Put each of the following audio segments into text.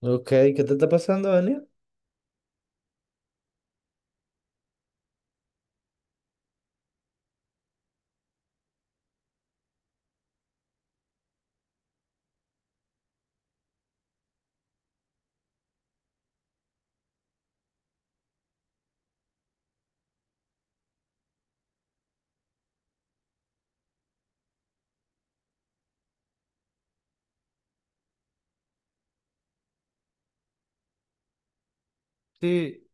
Ok, ¿qué te está pasando, Daniel? Sí,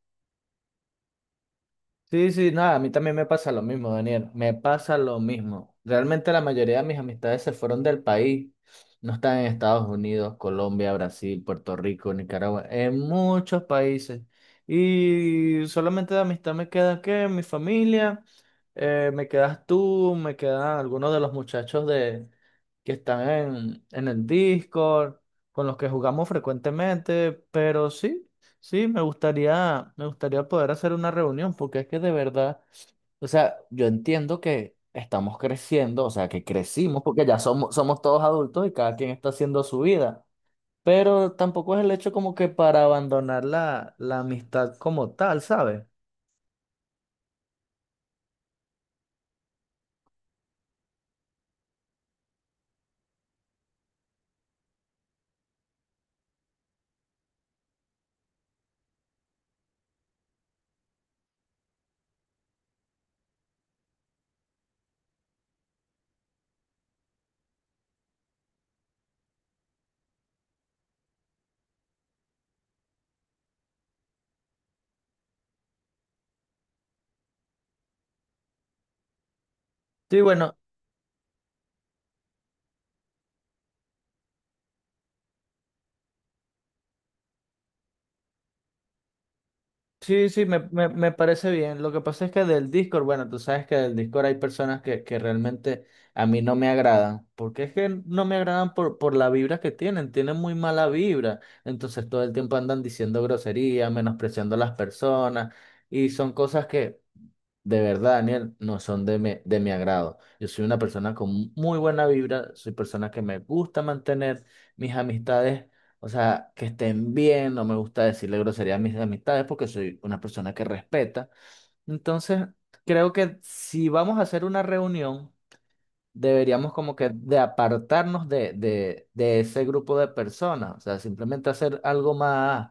sí, sí, nada, a mí también me pasa lo mismo, Daniel, me pasa lo mismo. Realmente la mayoría de mis amistades se fueron del país, no están en Estados Unidos, Colombia, Brasil, Puerto Rico, Nicaragua, en muchos países. Y solamente de amistad me queda que mi familia, me quedas tú, me quedan algunos de los muchachos de, que están en el Discord, con los que jugamos frecuentemente, pero sí. Sí, me gustaría poder hacer una reunión, porque es que de verdad, o sea, yo entiendo que estamos creciendo, o sea, que crecimos, porque ya somos, somos todos adultos y cada quien está haciendo su vida, pero tampoco es el hecho como que para abandonar la amistad como tal, ¿sabes? Sí, bueno, sí, sí, me parece bien. Lo que pasa es que del Discord, bueno, tú sabes que del Discord hay personas que realmente a mí no me agradan, porque es que no me agradan por la vibra que tienen, tienen muy mala vibra, entonces todo el tiempo andan diciendo groserías, menospreciando a las personas, y son cosas que de verdad, Daniel, no son de mi agrado. Yo soy una persona con muy buena vibra, soy persona que me gusta mantener mis amistades, o sea, que estén bien, no me gusta decirle grosería a mis amistades porque soy una persona que respeta. Entonces, creo que si vamos a hacer una reunión, deberíamos como que de apartarnos de ese grupo de personas, o sea, simplemente hacer algo más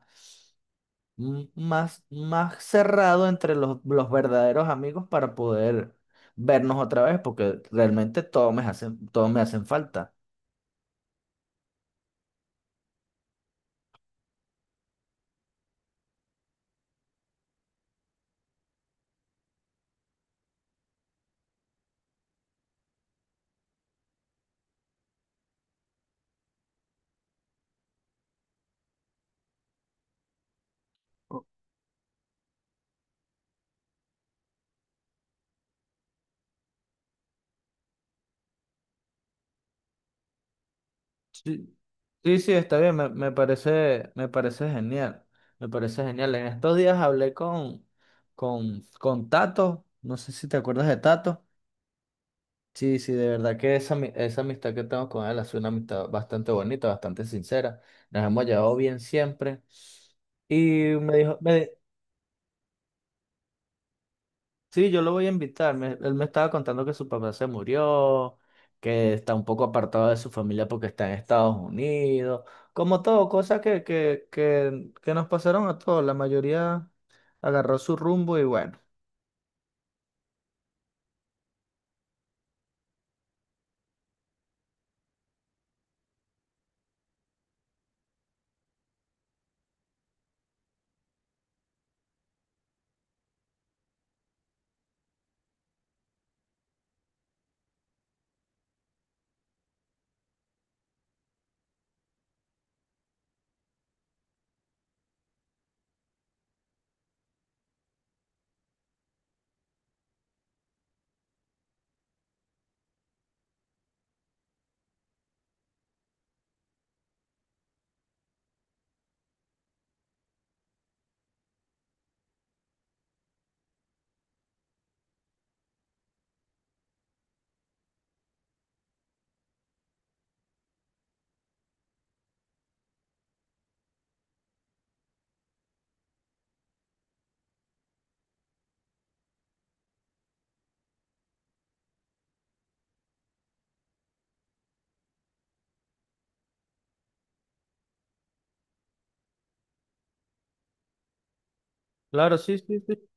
más cerrado entre los verdaderos amigos para poder vernos otra vez, porque realmente todos me hacen falta. Sí, sí, sí, está bien, me parece genial, me parece genial. En estos días hablé con Tato, no sé si te acuerdas de Tato. Sí, sí, de verdad que esa, esa amistad que tengo con él ha sido una amistad bastante bonita, bastante sincera. Nos hemos llevado bien siempre. Y me dijo, me, sí, yo lo voy a invitar. Él me estaba contando que su papá se murió, que está un poco apartado de su familia porque está en Estados Unidos. Como todo, cosas que nos pasaron a todos. La mayoría agarró su rumbo y bueno. Claro, sí, sí, sí.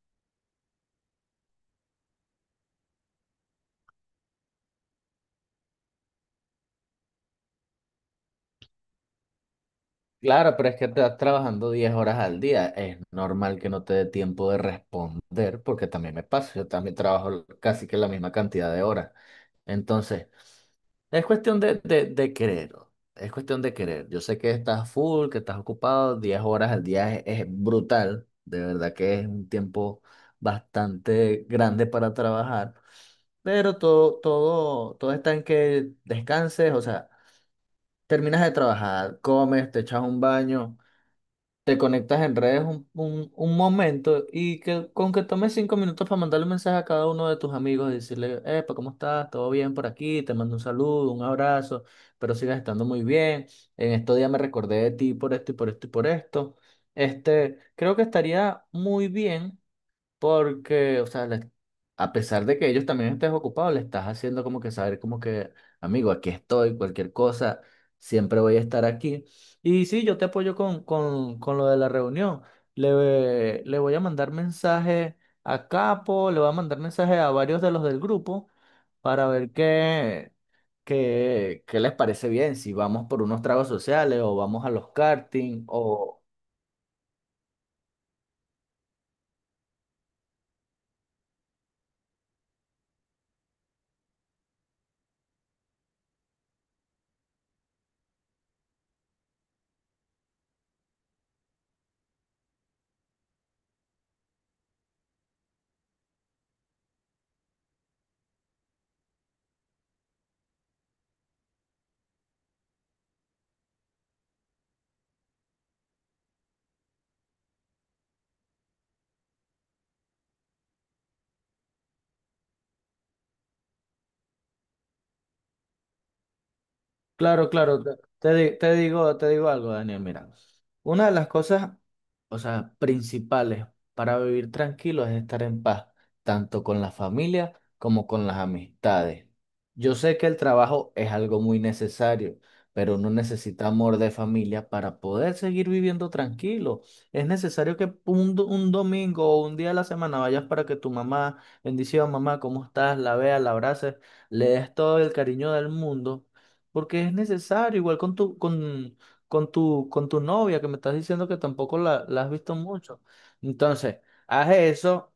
Claro, pero es que estás trabajando 10 horas al día. Es normal que no te dé tiempo de responder, porque también me pasa. Yo también trabajo casi que la misma cantidad de horas. Entonces, es cuestión de querer, ¿no? Es cuestión de querer. Yo sé que estás full, que estás ocupado. 10 horas al día es brutal. De verdad que es un tiempo bastante grande para trabajar. Pero todo está en que descanses. O sea, terminas de trabajar, comes, te echas un baño, te conectas en redes un momento, y que con que tomes 5 minutos para mandarle un mensaje a cada uno de tus amigos y decirle, Epa, ¿cómo estás? ¿Todo bien por aquí? Te mando un saludo, un abrazo, pero sigas estando muy bien. En estos días me recordé de ti por esto y por esto y por esto. Este, creo que estaría muy bien porque, o sea, a pesar de que ellos también estés ocupados, le estás haciendo como que saber como que, amigo, aquí estoy, cualquier cosa, siempre voy a estar aquí. Y sí, yo te apoyo con lo de la reunión. Le voy a mandar mensaje a Capo, le voy a mandar mensaje a varios de los del grupo para ver qué les parece bien, si vamos por unos tragos sociales o vamos a los karting o claro, claro, te, te digo algo, Daniel, mira, una de las cosas, o sea, principales para vivir tranquilo es estar en paz, tanto con la familia como con las amistades. Yo sé que el trabajo es algo muy necesario, pero uno necesita amor de familia para poder seguir viviendo tranquilo. Es necesario que un domingo o un día de la semana vayas para que tu mamá, bendición mamá, ¿cómo estás? La veas, la abraces, le des todo el cariño del mundo porque es necesario, igual con con tu novia, que me estás diciendo que tampoco la has visto mucho. Entonces, haz eso,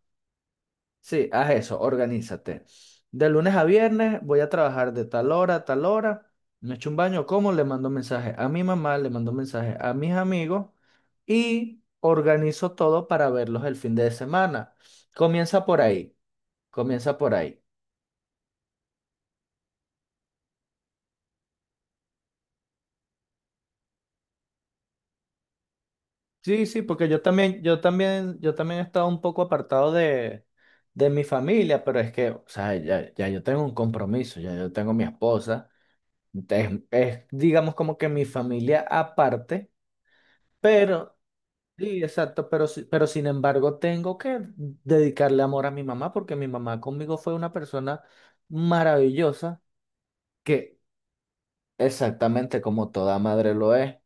sí, haz eso, organízate. De lunes a viernes voy a trabajar de tal hora a tal hora. Me echo un baño, como, le mando mensaje a mi mamá, le mando mensaje a mis amigos y organizo todo para verlos el fin de semana. Comienza por ahí, comienza por ahí. Sí, sí, porque yo también he estado un poco apartado de mi familia, pero es que, o sea, ya yo tengo un compromiso, ya yo tengo mi esposa, entonces es, digamos, como que mi familia aparte, pero, sí, exacto, pero, pero sin embargo tengo que dedicarle amor a mi mamá, porque mi mamá conmigo fue una persona maravillosa, que exactamente como toda madre lo es.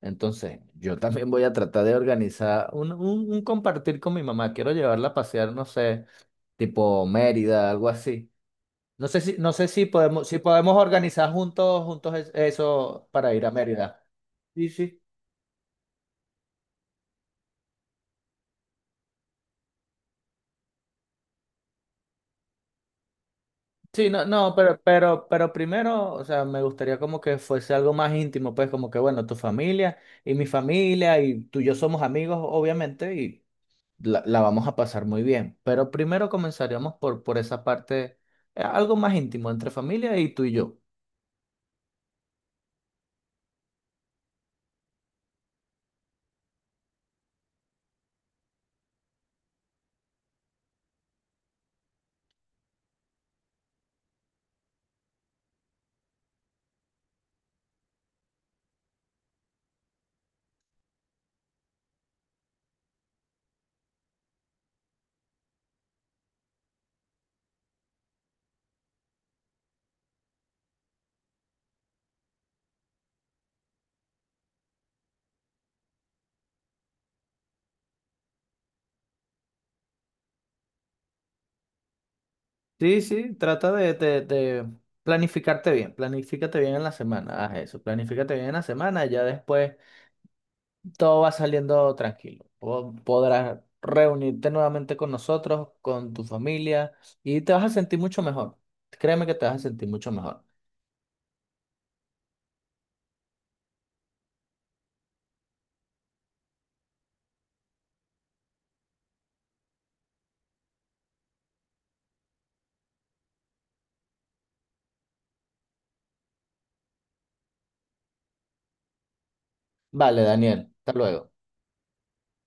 Entonces, yo también voy a tratar de organizar un, un compartir con mi mamá. Quiero llevarla a pasear, no sé, tipo Mérida, algo así. No sé si, no sé si podemos, si podemos organizar juntos, juntos eso para ir a Mérida. Sí, sí. Sí, no, no, pero primero, o sea, me gustaría como que fuese algo más íntimo, pues como que, bueno, tu familia y mi familia y tú y yo somos amigos, obviamente, y la vamos a pasar muy bien. Pero primero comenzaríamos por esa parte, algo más íntimo entre familia y tú y yo. Sí, sí, trata de planificarte bien, planifícate bien en la semana, haz eso, planifícate bien en la semana, ya después todo va saliendo tranquilo. Podrás reunirte nuevamente con nosotros, con tu familia y te vas a sentir mucho mejor. Créeme que te vas a sentir mucho mejor. Vale, Daniel, hasta luego.